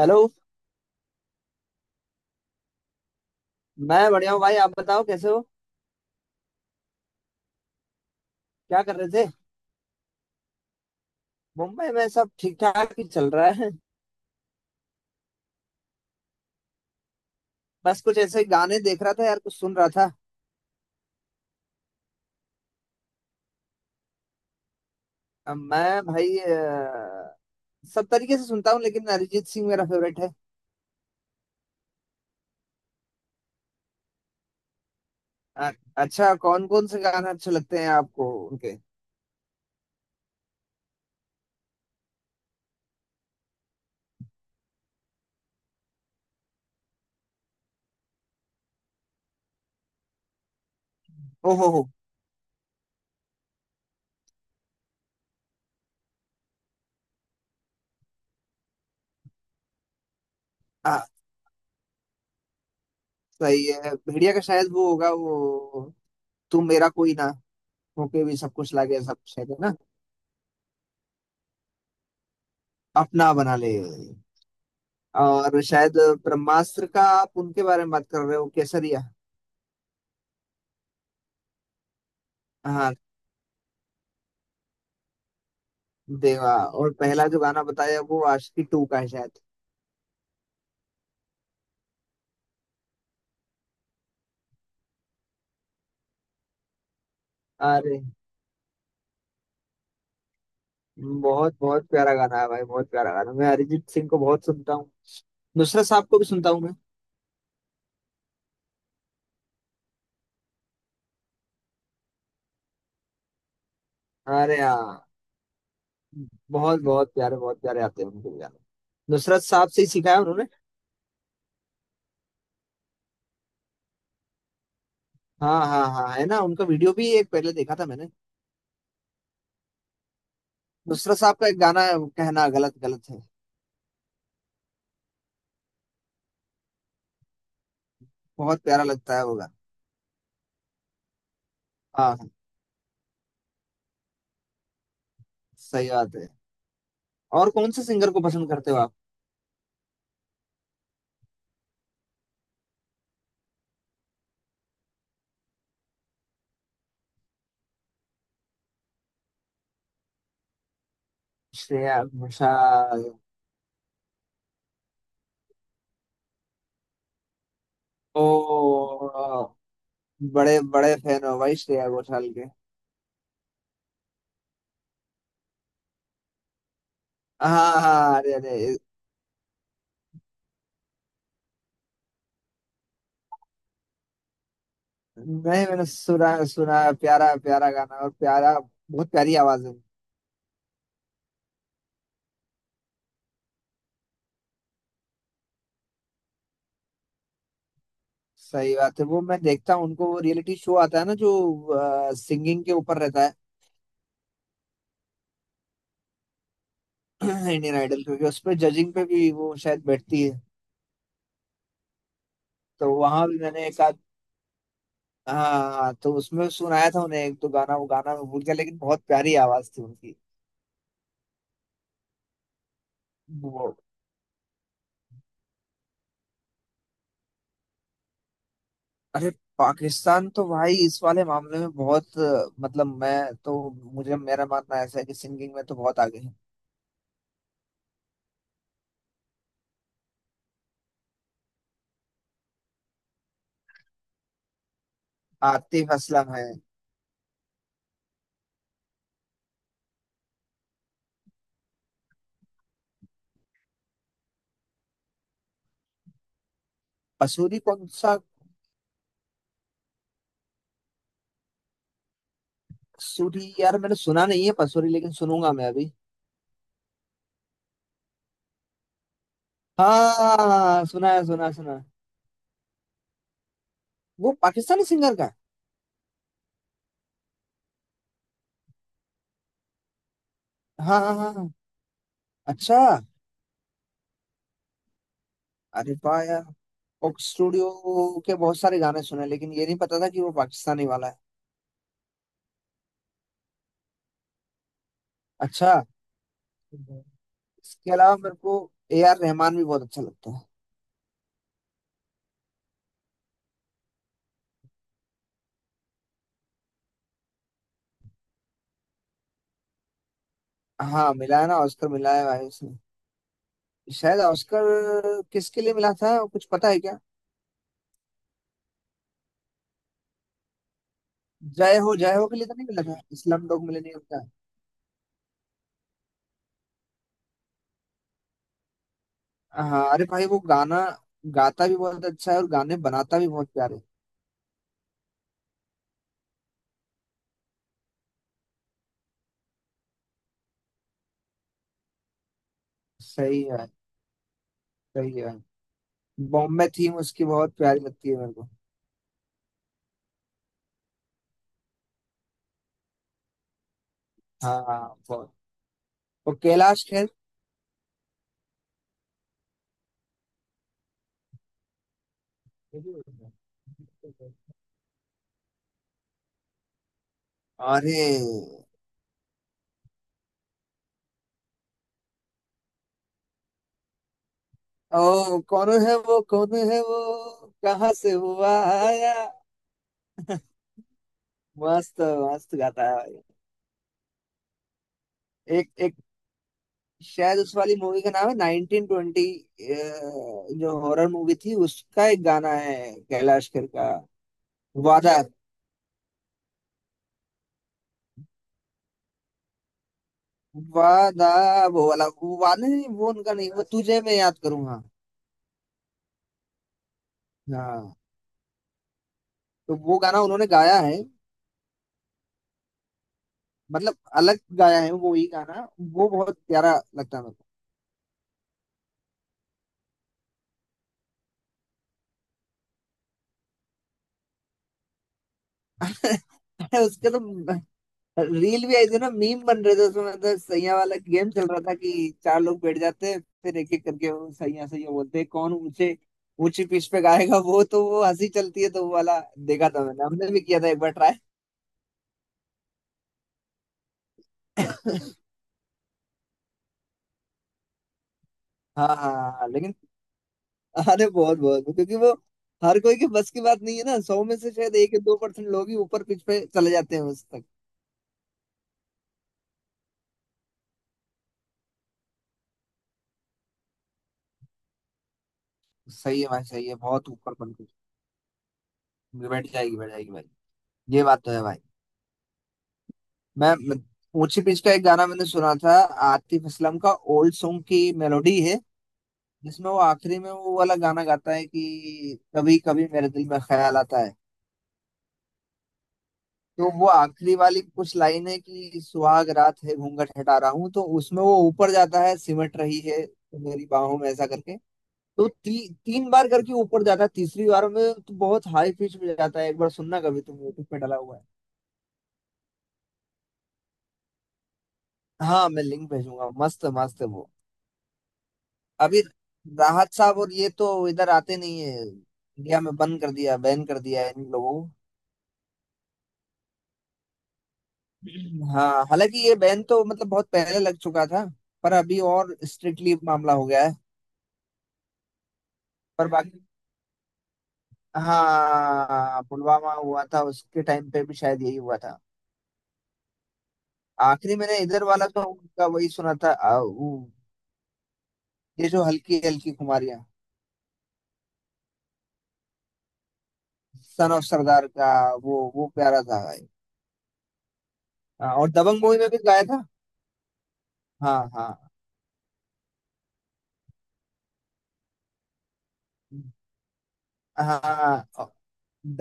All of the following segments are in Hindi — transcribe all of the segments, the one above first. हेलो। मैं बढ़िया हूँ भाई, आप बताओ कैसे हो, क्या कर रहे थे। मुंबई में सब ठीक ठाक ही चल रहा है। बस कुछ ऐसे गाने देख रहा था यार, कुछ सुन रहा था। मैं भाई सब तरीके से सुनता हूँ लेकिन अरिजीत सिंह मेरा फेवरेट है। अ, अच्छा, कौन कौन से गाने अच्छे लगते हैं आपको उनके। ओहो हो। हाँ, सही है, भेड़िया का शायद वो होगा वो। तू मेरा कोई ना होके भी सब कुछ लागे सब कुछ, है ना। अपना बना ले। और शायद ब्रह्मास्त्र का, आप उनके बारे में बात कर रहे हो, केसरिया। हाँ, देवा। और पहला जो गाना बताया वो आशिकी टू का है शायद। अरे, बहुत बहुत प्यारा गाना है भाई, बहुत प्यारा गाना। मैं अरिजीत सिंह को बहुत सुनता हूँ, नुसरत साहब को भी सुनता हूँ मैं। अरे हाँ, बहुत बहुत प्यारे आते हैं उनके भी गाने। नुसरत साहब से ही सीखा है उन्होंने। हाँ हाँ हाँ, है ना, उनका वीडियो भी एक पहले देखा था मैंने। नुसरत साहब का एक गाना है, वो कहना गलत गलत है। बहुत प्यारा लगता है वो गाना। हाँ हाँ, सही बात है। और कौन से सिंगर को पसंद करते हो आप। श्रेया घोषाल। ओ, बड़े बड़े फैन हो भाई श्रेया घोषाल के। हाँ हाँ, अरे अरे नहीं, मैंने सुना सुना है, प्यारा प्यारा गाना और प्यारा। बहुत प्यारी आवाज है। सही बात है, वो मैं देखता हूँ उनको, वो रियलिटी शो आता है ना, जो सिंगिंग के ऊपर रहता है इंडियन आइडल, क्योंकि उसमें जजिंग पे भी वो शायद बैठती है। तो वहां भी मैंने एक आध। हाँ हाँ, तो उसमें सुनाया था उन्हें एक दो गाना, वो गाना मैं भूल गया लेकिन बहुत प्यारी आवाज थी उनकी। वो अरे, पाकिस्तान तो भाई इस वाले मामले में बहुत मतलब, मैं तो, मुझे, मेरा मानना ऐसा है कि सिंगिंग में तो बहुत आगे है। आतिफ असलम है। पसूरी कौन सा। सूरी यार मैंने सुना नहीं है पसूरी, लेकिन सुनूंगा मैं अभी। हाँ, सुना है सुना है, सुना है। वो पाकिस्तानी सिंगर का है? हाँ हाँ हाँ हाँ। अच्छा। अरे वाह यार, कोक स्टूडियो के बहुत सारे गाने सुने लेकिन ये नहीं पता था कि वो पाकिस्तानी वाला है। अच्छा। इसके अलावा मेरे को ए आर रहमान भी बहुत अच्छा लगता है। हाँ, मिला है ना, ऑस्कर मिला है भाई उसने। शायद ऑस्कर किसके लिए मिला था, कुछ पता है क्या। जय हो, जय हो के लिए तो नहीं मिला था, स्लम डॉग मिलियनेयर का। हाँ अरे भाई, वो गाना गाता भी बहुत अच्छा है और गाने बनाता भी बहुत प्यारे हैं। सही है भाई, सही है भाई। बॉम्बे थीम उसकी बहुत प्यारी लगती है मेरे को। हाँ हाँ, बहुत। वो कैलाश खेर। अरे, ओ कौन है वो, कौन है वो, कहाँ से हुआ आया। मस्त, मस्त गाता है। एक एक, शायद उस वाली मूवी का नाम है 1920, जो हॉरर मूवी थी, उसका एक गाना है कैलाश खेर का। वादा। वादा, वो वाला, वो वादा नहीं, वो उनका नहीं, वो तुझे मैं याद करूंगा। हाँ, तो वो गाना उन्होंने गाया है। मतलब अलग गाया है वो ही गाना, वो बहुत प्यारा लगता है मेरे को। उसके तो रील भी आई थी ना, मीम बन रहे थे, उसमें मतलब सैया वाला गेम चल रहा था कि चार लोग बैठ जाते हैं, फिर एक एक करके वो सैया सैया बोलते हैं, कौन ऊंचे ऊंची पिच पे गाएगा। वो तो वो हंसी चलती है, तो वो वाला देखा था मैंने, हमने भी किया था एक बार ट्राई। हाँ हाँ। हाँ, लेकिन अरे, बहुत बहुत, क्योंकि वो हर कोई के बस की बात नहीं है ना, 100 में से शायद 1 या 2% लोग ही ऊपर पिच पे चले जाते हैं उस तक। सही है भाई, सही है, बहुत ऊपर बन गई। बैठ जाएगी, बैठ जाएगी भाई। ये बात तो है भाई। मैं मैं- ऊंची पिच का एक गाना मैंने सुना था, आतिफ असलम का। ओल्ड सॉन्ग की मेलोडी है, जिसमें वो आखिरी में वो वाला गाना गाता है कि कभी कभी मेरे दिल में ख्याल आता है। तो वो आखिरी वाली कुछ लाइन है कि सुहाग रात है घूंघट हटा रहा हूँ, तो उसमें वो ऊपर जाता है, सिमट रही है तो मेरी बाहों में, ऐसा करके। तो तीन बार करके ऊपर जाता है, तीसरी बार में तो बहुत हाई पिच में जाता है। एक बार सुनना कभी, तुम यूट्यूब पे डाला हुआ है। हाँ, मैं लिंक भेजूंगा, मस्त मस्त है वो। अभी राहत साहब और ये तो इधर आते नहीं है, इंडिया में बंद कर दिया, बैन कर दिया है इन लोगों को। हाँ, हालांकि ये बैन तो मतलब बहुत पहले लग चुका था, पर अभी और स्ट्रिक्टली मामला हो गया है। पर बाकी हाँ, पुलवामा हुआ था, उसके टाइम पे भी शायद यही हुआ था। आखिरी मैंने इधर वाला तो उनका वही सुना था वो, ये जो हल्की हल्की खुमारियाँ। सन ऑफ सरदार का। वो प्यारा था भाई। हाँ, और दबंग मूवी में भी गाया था। हाँ हाँ हाँ,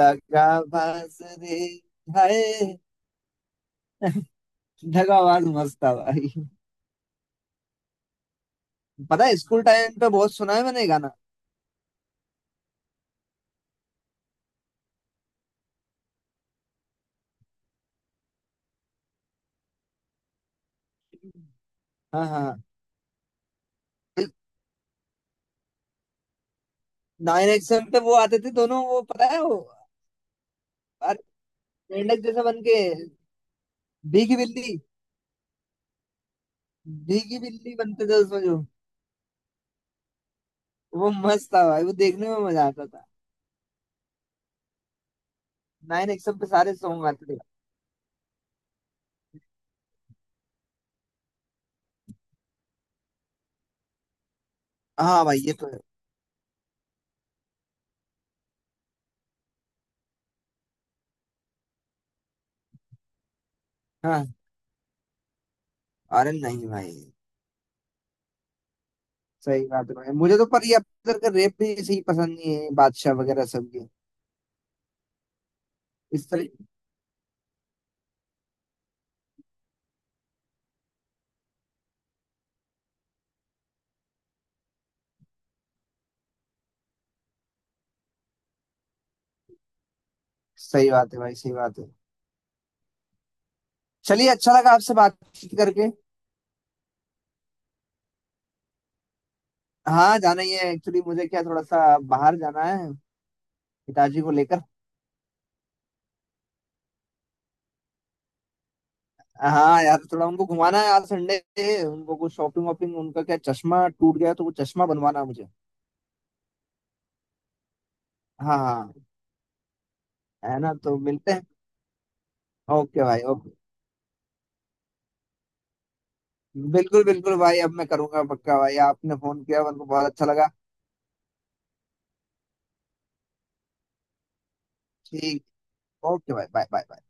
दगाबाज रे। हाय, दगाबाज मस्त था भाई। पता है, स्कूल टाइम पे बहुत सुना है मैंने ये गाना। हाँ हाँ। 9XM पे वो आते थे दोनों, वो पता है वो। अरे मेंढक जैसा बन के। भीगी बिल्ली। भीगी बिल्ली बनते थे उसमें जो। वो मस्त था भाई, वो देखने में मजा आता था। 9XM पे सारे सॉन्ग आते थे। हाँ भाई, ये तो है। हाँ। अरे नहीं भाई। सही बात है भाई, मुझे तो पर ये अब तक का रेप भी सही पसंद नहीं है, बादशाह वगैरह सब के इस तरह। सही बात है भाई, सही बात है। चलिए, अच्छा लगा आपसे बातचीत करके। हाँ, जाना ही है एक्चुअली, मुझे क्या थोड़ा सा बाहर जाना है, पिताजी को लेकर। हाँ यार, थोड़ा उनको घुमाना है, आज संडे है, उनको कुछ शॉपिंग वॉपिंग, उनका क्या चश्मा टूट गया तो वो चश्मा बनवाना है मुझे। हाँ हाँ। है ना, तो मिलते हैं। ओके भाई, ओके। बिल्कुल बिल्कुल भाई, अब मैं करूंगा पक्का भाई, आपने फोन किया मेरे को बहुत अच्छा लगा। ठीक। ओके भाई, बाय बाय बाय।